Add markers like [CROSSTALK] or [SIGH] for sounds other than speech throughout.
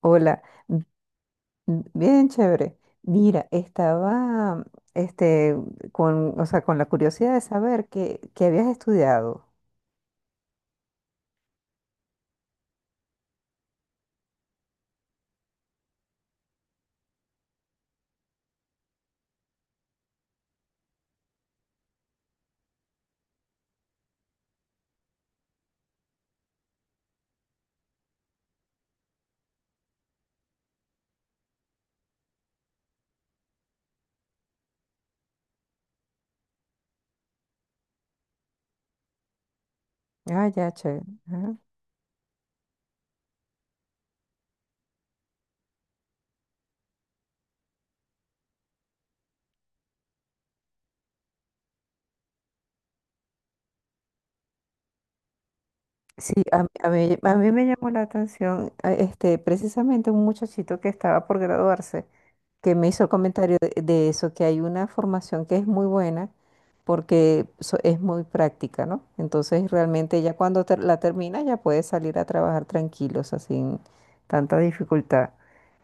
Hola, bien chévere. Mira, estaba este, con, o sea, con la curiosidad de saber qué habías estudiado. Ah, ya, chévere. Ajá. Sí, a mí me llamó la atención precisamente un muchachito que estaba por graduarse, que me hizo el comentario de eso, que hay una formación que es muy buena, porque es muy práctica, ¿no? Entonces realmente ya cuando la termina ya puedes salir a trabajar tranquilo, o sea, sin tanta dificultad.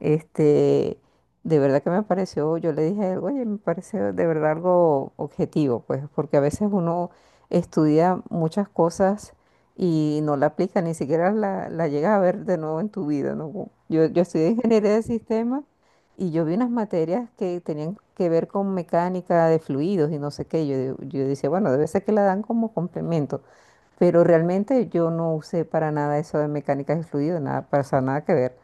Este, de verdad que me pareció, yo le dije a él, oye, me pareció de verdad algo objetivo, pues, porque a veces uno estudia muchas cosas y no la aplica, ni siquiera la llega a ver de nuevo en tu vida, ¿no? Yo estudié ingeniería de sistemas y yo vi unas materias que tenían que ver con mecánica de fluidos y no sé qué. Yo decía, bueno, debe ser que la dan como complemento, pero realmente yo no usé para nada eso de mecánica de fluidos, nada, para eso nada que ver.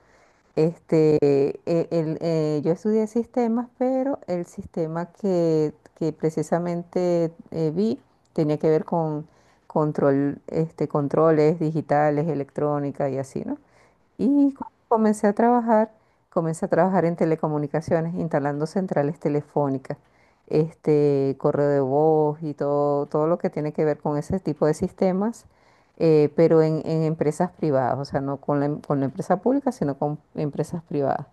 Este, yo estudié sistemas, pero el sistema que precisamente vi tenía que ver con controles digitales, electrónica y así, ¿no? Y comencé a trabajar en telecomunicaciones, instalando centrales telefónicas, correo de voz y todo lo que tiene que ver con ese tipo de sistemas, pero en empresas privadas, o sea, no con con la empresa pública, sino con empresas privadas.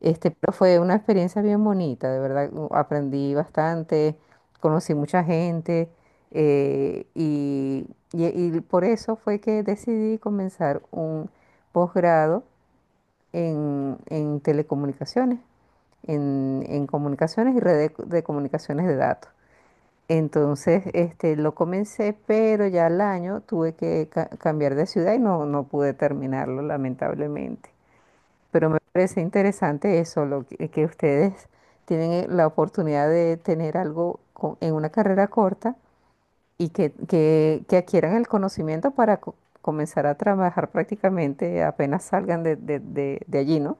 Pero fue una experiencia bien bonita, de verdad, aprendí bastante, conocí mucha gente, eh, y, y por eso fue que decidí comenzar un posgrado en telecomunicaciones, en comunicaciones y redes de comunicaciones de datos. Entonces, lo comencé, pero ya al año tuve que cambiar de ciudad y no pude terminarlo, lamentablemente. Pero me parece interesante eso, lo que ustedes tienen la oportunidad de tener algo en una carrera corta y que adquieran el conocimiento para comenzar a trabajar prácticamente apenas salgan de allí, ¿no?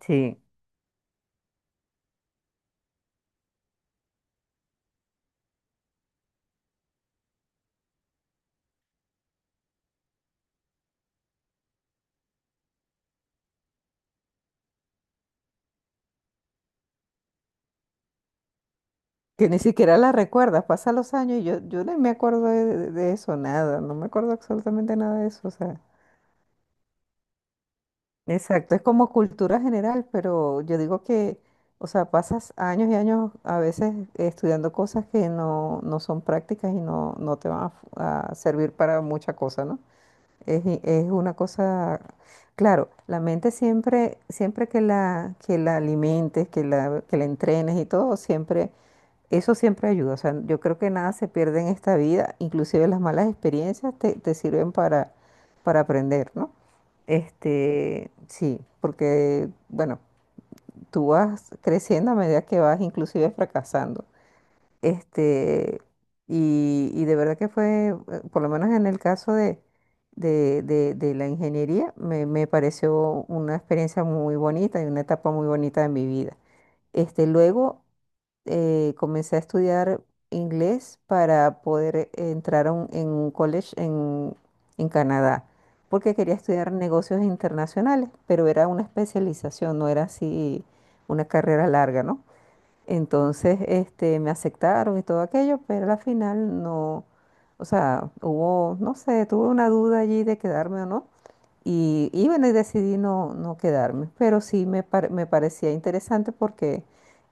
Sí, que ni siquiera la recuerdas, pasan los años y yo no me acuerdo de eso, nada, no me acuerdo absolutamente nada de eso, o sea, exacto, es como cultura general, pero yo digo que, o sea, pasas años y años a veces estudiando cosas que no son prácticas y no te van a, a servir para mucha cosa, ¿no? Es una cosa, claro, la mente siempre, siempre que la alimentes, que la entrenes y todo, siempre eso siempre ayuda, o sea, yo creo que nada se pierde en esta vida, inclusive las malas experiencias te sirven para aprender, ¿no? Sí, porque, bueno, tú vas creciendo a medida que vas inclusive fracasando. Este, y de verdad que fue, por lo menos en el caso de la ingeniería, me pareció una experiencia muy bonita y una etapa muy bonita de mi vida. Luego comencé a estudiar inglés para poder entrar en un college en Canadá, porque quería estudiar negocios internacionales, pero era una especialización, no era así una carrera larga, ¿no? Entonces, me aceptaron y todo aquello, pero al final no, o sea, hubo, no sé, tuve una duda allí de quedarme o no. Y bueno, y decidí no quedarme, pero sí me parecía interesante porque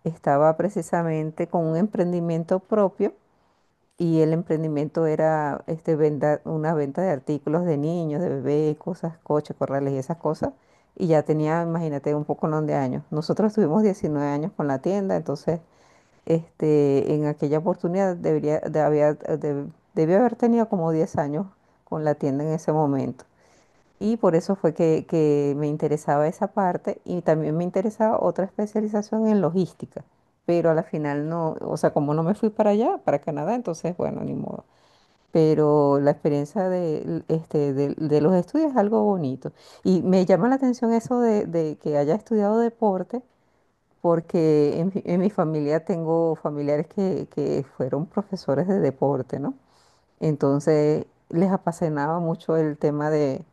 estaba precisamente con un emprendimiento propio y el emprendimiento era una venta de artículos de niños, de bebés, cosas, coches, corrales y esas cosas. Y ya tenía, imagínate, un poco no de años. Nosotros tuvimos 19 años con la tienda. Entonces, en aquella oportunidad debería, de, había- de- debí haber tenido como 10 años con la tienda en ese momento. Y por eso fue que me interesaba esa parte y también me interesaba otra especialización en logística, pero a la final no, o sea, como no me fui para allá, para Canadá, entonces, bueno, ni modo. Pero la experiencia de los estudios es algo bonito. Y me llama la atención eso de que haya estudiado deporte, porque en mi familia tengo familiares que fueron profesores de deporte, ¿no? Entonces les apasionaba mucho el tema de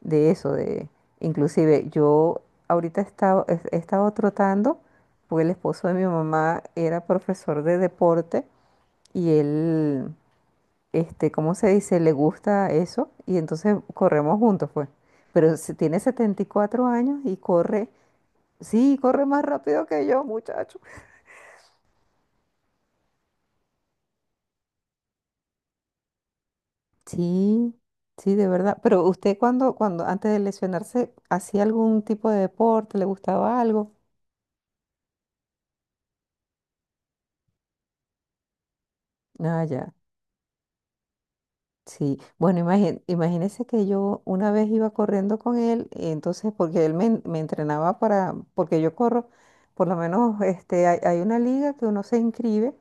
de eso, de inclusive yo ahorita he estado trotando, porque el esposo de mi mamá era profesor de deporte y él, ¿cómo se dice? Le gusta eso y entonces corremos juntos, pues. Pero tiene 74 años y corre, sí, corre más rápido que yo, muchacho. Sí, sí, de verdad. Pero usted, cuando antes de lesionarse, ¿hacía algún tipo de deporte? ¿Le gustaba algo? Ah, ya. Sí, bueno, imagínese que yo una vez iba corriendo con él, entonces, porque me entrenaba para, porque yo corro, por lo menos, hay una liga que uno se inscribe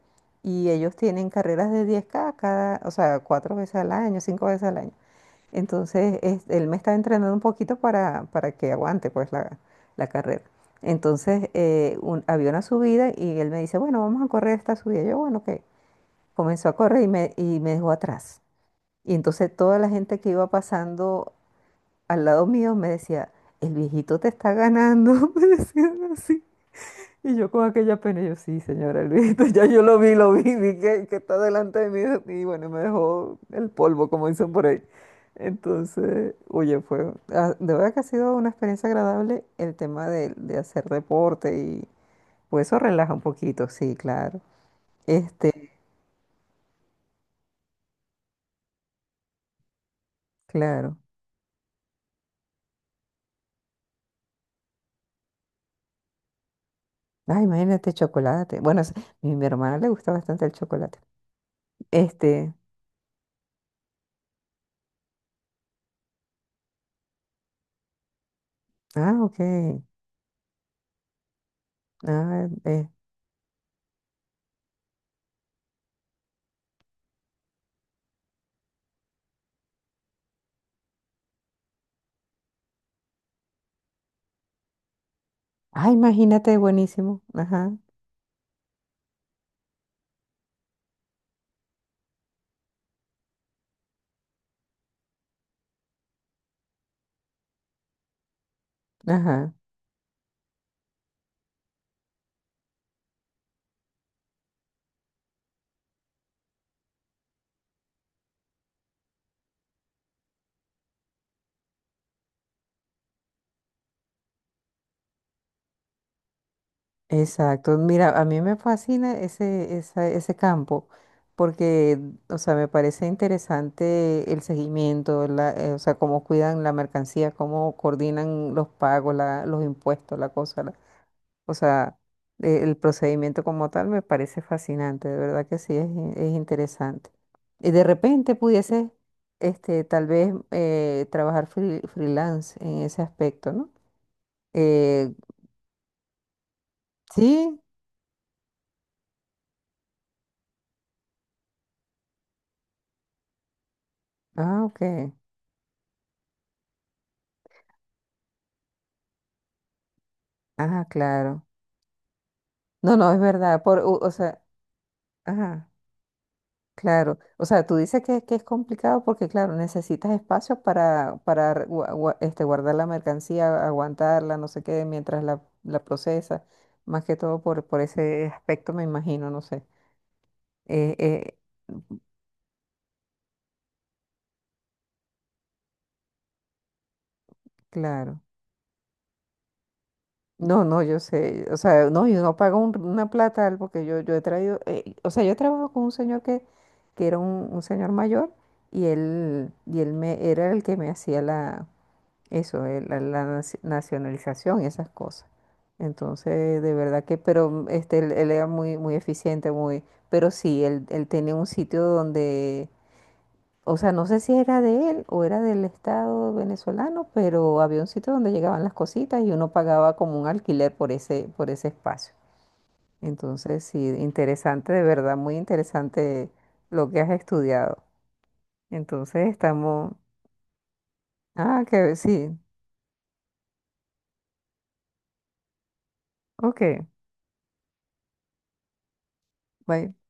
y ellos tienen carreras de 10K cada, o sea, cuatro veces al año, cinco veces al año. Entonces, él me está entrenando un poquito para que aguante pues la carrera. Entonces, había una subida y él me dice, bueno, vamos a correr esta subida. Yo, bueno, ok. Comenzó a correr y me dejó atrás. Y entonces toda la gente que iba pasando al lado mío me decía: el viejito te está ganando, [LAUGHS] me decían así. Y yo con aquella pena, yo: sí, señora, el viejito, [LAUGHS] ya yo lo vi, vi que está delante de mí y bueno, me dejó el polvo, como dicen por ahí. Entonces, oye, fue, ah, de verdad que ha sido una experiencia agradable el tema de hacer deporte y pues eso relaja un poquito, sí, claro. Este, claro. Ay, imagínate, chocolate. Bueno, mi hermana le gusta bastante el chocolate. Este, ah, ok. Ah, eh, ¡Imagínate, buenísimo! Ajá, ajá. Exacto. Mira, a mí me fascina ese campo porque, o sea, me parece interesante el seguimiento, o sea, cómo cuidan la mercancía, cómo coordinan los pagos, los impuestos, la cosa. O sea, el procedimiento como tal me parece fascinante, de verdad que sí, es interesante. Y de repente pudiese, tal vez, trabajar freelance en ese aspecto, ¿no? Eh, sí, ok, claro. No, no, es verdad, o sea, ajá. Claro, o sea, tú dices que es complicado porque, claro, necesitas espacios para guardar la mercancía, aguantarla, no sé qué, mientras la procesa, más que todo por ese aspecto, me imagino, no sé. Eh, eh, claro. No, no, yo sé, o sea, no, yo no pago una plata porque yo he traído, o sea, yo trabajo con un señor que era un señor mayor y era el que me hacía la. Eso, nacionalización y esas cosas. Entonces, de verdad que, pero él era muy, muy eficiente, muy, pero sí, él tenía un sitio donde, o sea, no sé si era de él o era del Estado venezolano, pero había un sitio donde llegaban las cositas y uno pagaba como un alquiler por ese espacio. Entonces, sí, interesante, de verdad, muy interesante lo que has estudiado. Entonces, estamos, ah, que sí, ok, bye.